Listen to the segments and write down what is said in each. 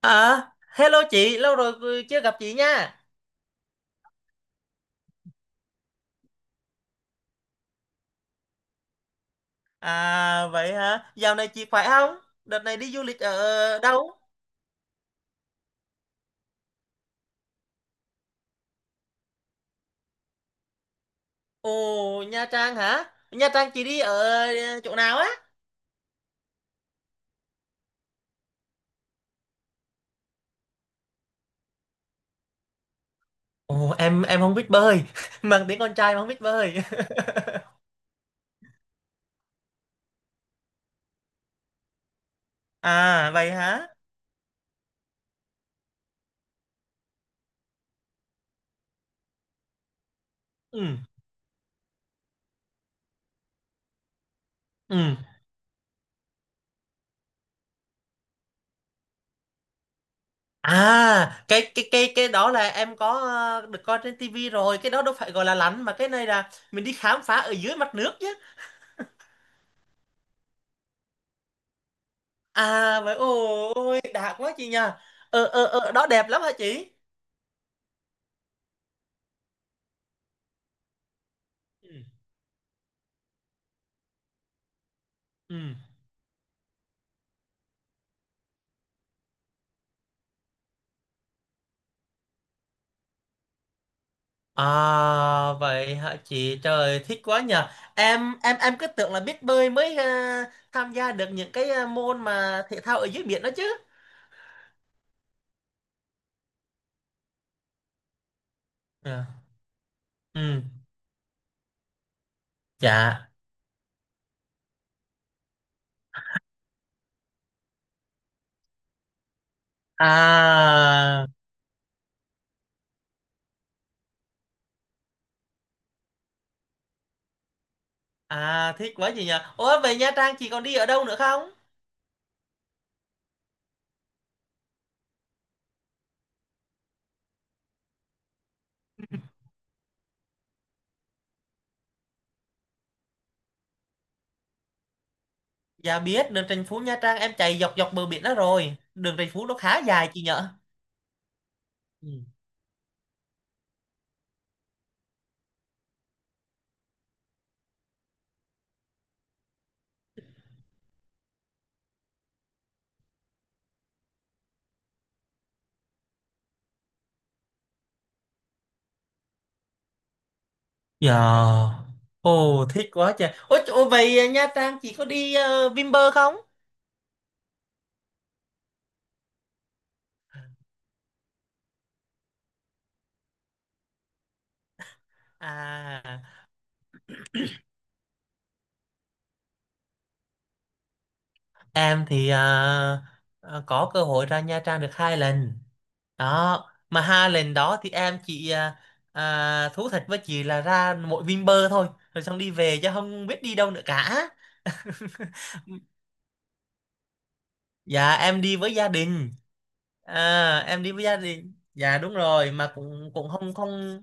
À, hello chị, lâu rồi chưa gặp chị nha. À, vậy hả? Dạo này chị khỏe không? Đợt này đi du lịch ở đâu? Ồ, Nha Trang hả? Nha Trang chị đi ở chỗ nào á? Ồ, em không biết bơi. Mang tiếng con trai mà không biết bơi. À, vậy hả? Ừ, ừ. À, cái đó là em có được coi trên tivi rồi, cái đó đâu phải gọi là lặn mà cái này là mình đi khám phá ở dưới mặt nước chứ. À, vậy ôi đạt quá chị nha. Đó đẹp lắm hả chị? Ừ. Ừ. À, vậy hả chị, trời thích quá nhờ. Em cứ tưởng là biết bơi mới tham gia được những cái môn mà thể thao ở dưới biển đó chứ. Ờ, ừ, dạ, à, à, thích quá chị nhờ. Ủa, về Nha Trang chị còn đi ở đâu nữa không? Dạ biết, đường Trần Phú Nha Trang em chạy dọc dọc bờ biển đó, rồi đường Trần Phú nó khá dài chị nhở. Ừ. Dạ. Ồ, thích quá trời. Ôi, ồ vậy à, Nha Trang chị có đi Vinpearl không? À, em thì à, ờ, có cơ hội ra Nha Trang được hai lần. Đó, mà hai lần đó thì em chỉ à, à, thú thật với chị là ra mỗi Vinpearl thôi. Rồi xong đi về chứ không biết đi đâu nữa cả. Dạ, em đi với gia đình. À, em đi với gia đình. Dạ đúng rồi, mà cũng cũng không không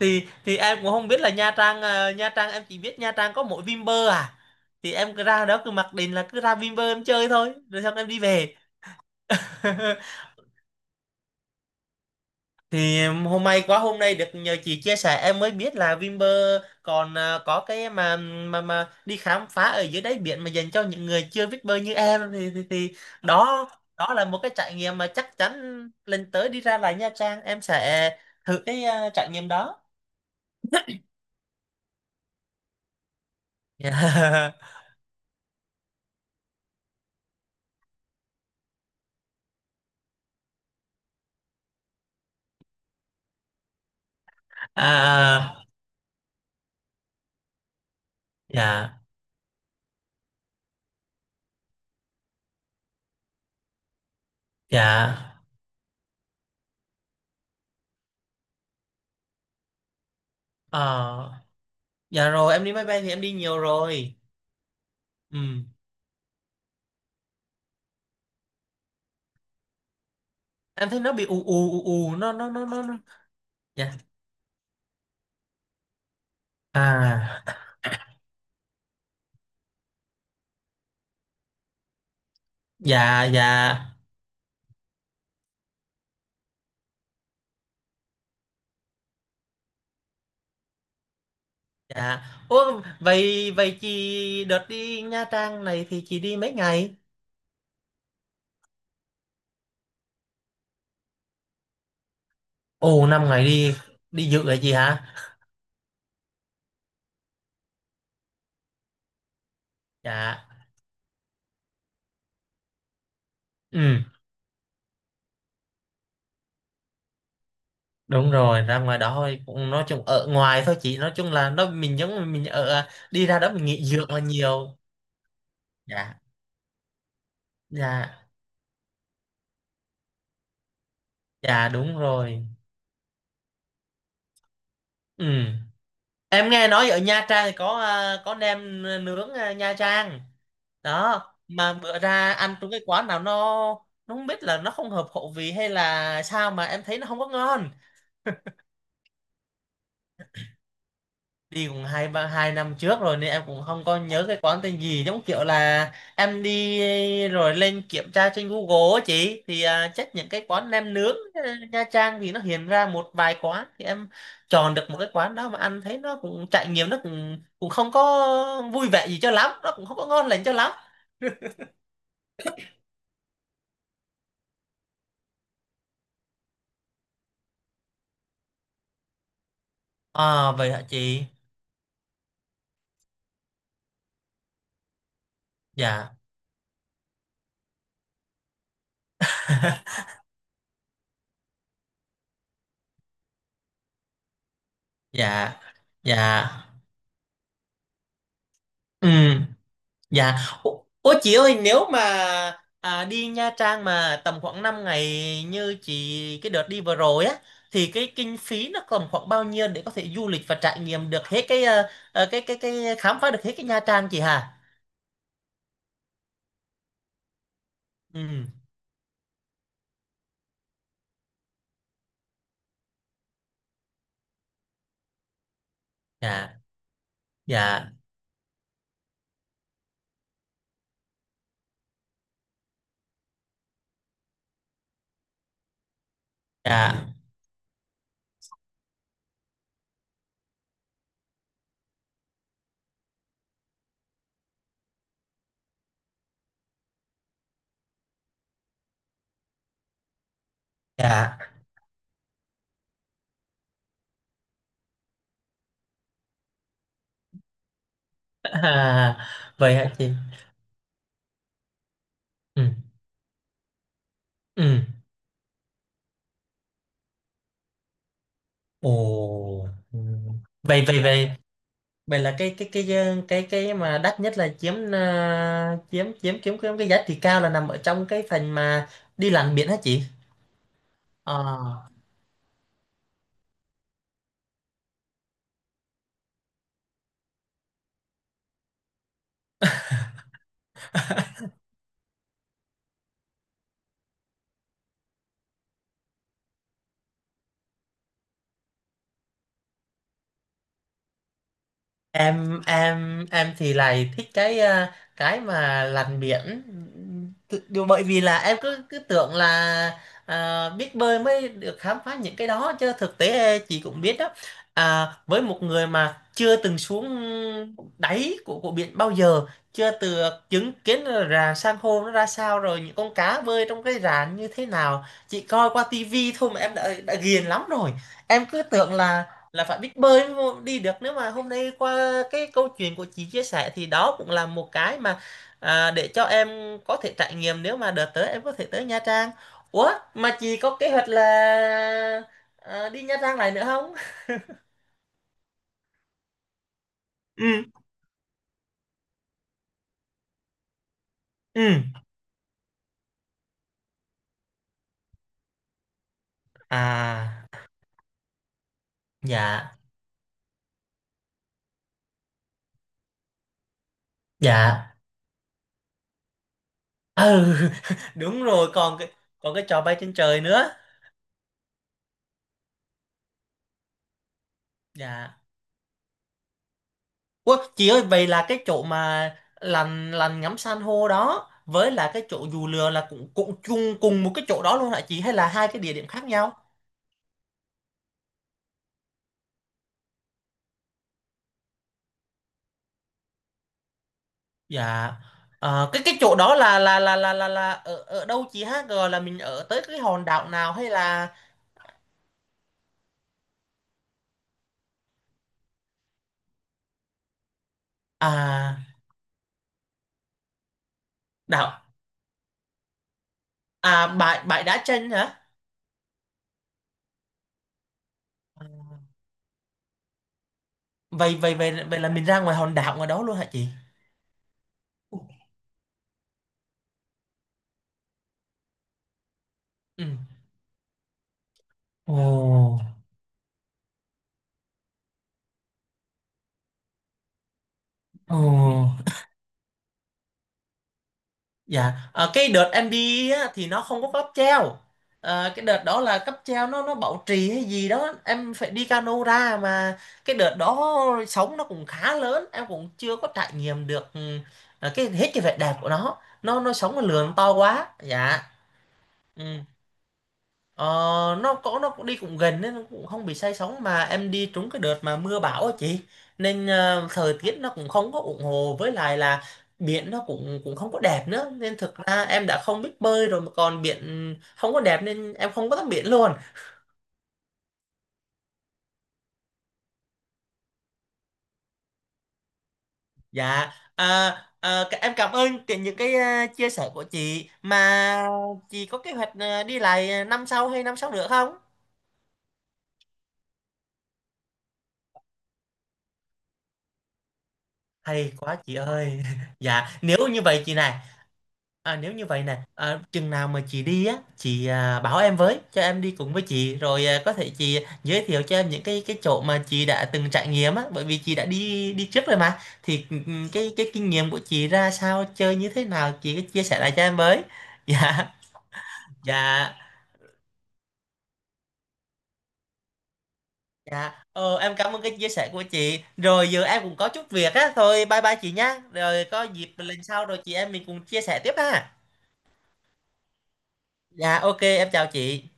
Thì em cũng không biết là Nha Trang, Nha Trang em chỉ biết Nha Trang có mỗi Vinpearl à. Thì em cứ ra đó cứ mặc định là cứ ra Vinpearl em chơi thôi rồi xong em đi về. Hôm nay được nhờ chị chia sẻ em mới biết là Vinpearl còn có cái mà đi khám phá ở dưới đáy biển mà dành cho những người chưa biết bơi như em thì đó, đó là một cái trải nghiệm mà chắc chắn lần tới đi ra lại Nha Trang em sẽ thử cái trải nghiệm đó. À, dạ. Dạ, ờ, dạ rồi em đi máy bay thì em đi nhiều rồi. Ừ. Em thấy nó bị ù ù ù ù nó. Dạ. À, dạ, dạ, dạ. Ủa, vậy vậy chị đợt đi Nha Trang này thì chị đi mấy ngày? Ồ, 5 ngày, đi đi dự vậy chị hả? Dạ. Ừ, đúng rồi, ra ngoài đó thôi, cũng nói chung ở ngoài thôi chị, nói chung là nó mình giống như mình ở à, đi ra đó mình nghỉ dưỡng là nhiều. Dạ. Dạ. Dạ đúng rồi. Ừ. Em nghe nói ở Nha Trang thì có à, có nem nướng Nha Trang, đó mà bữa ra ăn trong cái quán nào nó không biết là nó không hợp khẩu vị hay là sao mà em thấy nó không có ngon. Đi cũng 2 năm trước rồi nên em cũng không có nhớ cái quán tên gì, giống kiểu là em đi rồi lên kiểm tra trên Google á chị, thì à, chắc những cái quán nem nướng Nha Trang thì nó hiện ra một vài quán thì em chọn được một cái quán đó mà ăn thấy nó cũng trải nghiệm nó cũng cũng không có vui vẻ gì cho lắm, nó cũng không có ngon lành cho lắm. À, vậy hả chị. Dạ. Dạ, dạ, ừ. Dạ, ô, ô chị ơi, nếu mà à, đi Nha Trang mà tầm khoảng 5 ngày như chị cái đợt đi vừa rồi á, thì cái kinh phí nó tầm khoảng bao nhiêu để có thể du lịch và trải nghiệm được hết cái cái khám phá được hết cái Nha Trang chị hà? Ừ. Dạ, dạ, dạ, dạ. À, vậy hả chị? Ừ. Ừ. Ồ. Ừ. Vậy vậy vậy vậy là cái mà đắt nhất là chiếm ờ, chiếm chiếm chiếm chiếm cái giá trị cao là nằm ở trong cái phần mà đi lặn biển hả chị? Ờ, em thì lại thích cái mà lặn biển. Bởi vì là em cứ cứ tưởng là à, biết bơi mới được khám phá những cái đó chứ thực tế chị cũng biết đó, à, với một người mà chưa từng xuống đáy của biển bao giờ, chưa từ chứng kiến là rạn san hô nó ra sao rồi những con cá bơi trong cái rạn như thế nào, chị coi qua tivi thôi mà em đã ghiền lắm rồi. Em cứ tưởng là phải biết bơi đi được, nếu mà hôm nay qua cái câu chuyện của chị chia sẻ thì đó cũng là một cái mà à, để cho em có thể trải nghiệm nếu mà đợt tới em có thể tới Nha Trang. Ủa mà chị có kế hoạch là à, đi Nha Trang lại nữa không? Ừ, ừ, à, dạ, dạ, ừ. Đúng rồi, còn cái trò bay trên trời nữa. Dạ. Ủa, chị ơi vậy là cái chỗ mà lằn lằn ngắm san hô đó với là cái chỗ dù lừa là cũng cũng chung cùng một cái chỗ đó luôn hả chị, hay là hai cái địa điểm khác nhau? Dạ. Ờ, cái chỗ đó là ở ở đâu chị ha? Rồi là mình ở tới cái hòn đảo nào hay là à, đảo, à, bãi bãi đá tranh hả? Vậy vậy vậy vậy là mình ra ngoài hòn đảo ngoài đó luôn hả chị? Ừ. Ồ. Ồ. Dạ, cái đợt em đi á, thì nó không có cáp treo. Ờ, cái đợt đó là cáp treo nó bảo trì hay gì đó, em phải đi cano ra mà, cái đợt đó sóng nó cũng khá lớn, em cũng chưa có trải nghiệm được cái hết cái vẻ đẹp của nó. Nó sóng nó lường to quá. Dạ. Ừ. Ờ, nó cũng đi cũng gần nên nó cũng không bị say sóng, mà em đi trúng cái đợt mà mưa bão á chị, nên thời tiết nó cũng không có ủng hộ, với lại là biển nó cũng cũng không có đẹp nữa nên thực ra em đã không biết bơi rồi mà còn biển không có đẹp nên em không có tắm biển luôn. Dạ, à, à, em cảm ơn những cái chia sẻ của chị, mà chị có kế hoạch đi lại năm sau hay năm sau nữa không? Hay quá chị ơi. Dạ nếu như vậy chị này. À, nếu như vậy nè, à, chừng nào mà chị đi á, chị à, bảo em với, cho em đi cùng với chị, rồi à, có thể chị giới thiệu cho em những cái chỗ mà chị đã từng trải nghiệm á, bởi vì chị đã đi đi trước rồi mà, thì cái kinh nghiệm của chị ra sao, chơi như thế nào, chị cứ chia sẻ lại cho em với. Dạ, dạ, dạ. Ờ, em cảm ơn cái chia sẻ của chị. Rồi giờ em cũng có chút việc á, thôi bye bye chị nhá. Rồi có dịp lần sau rồi chị em mình cùng chia sẻ tiếp ha. Dạ, ok, em chào chị.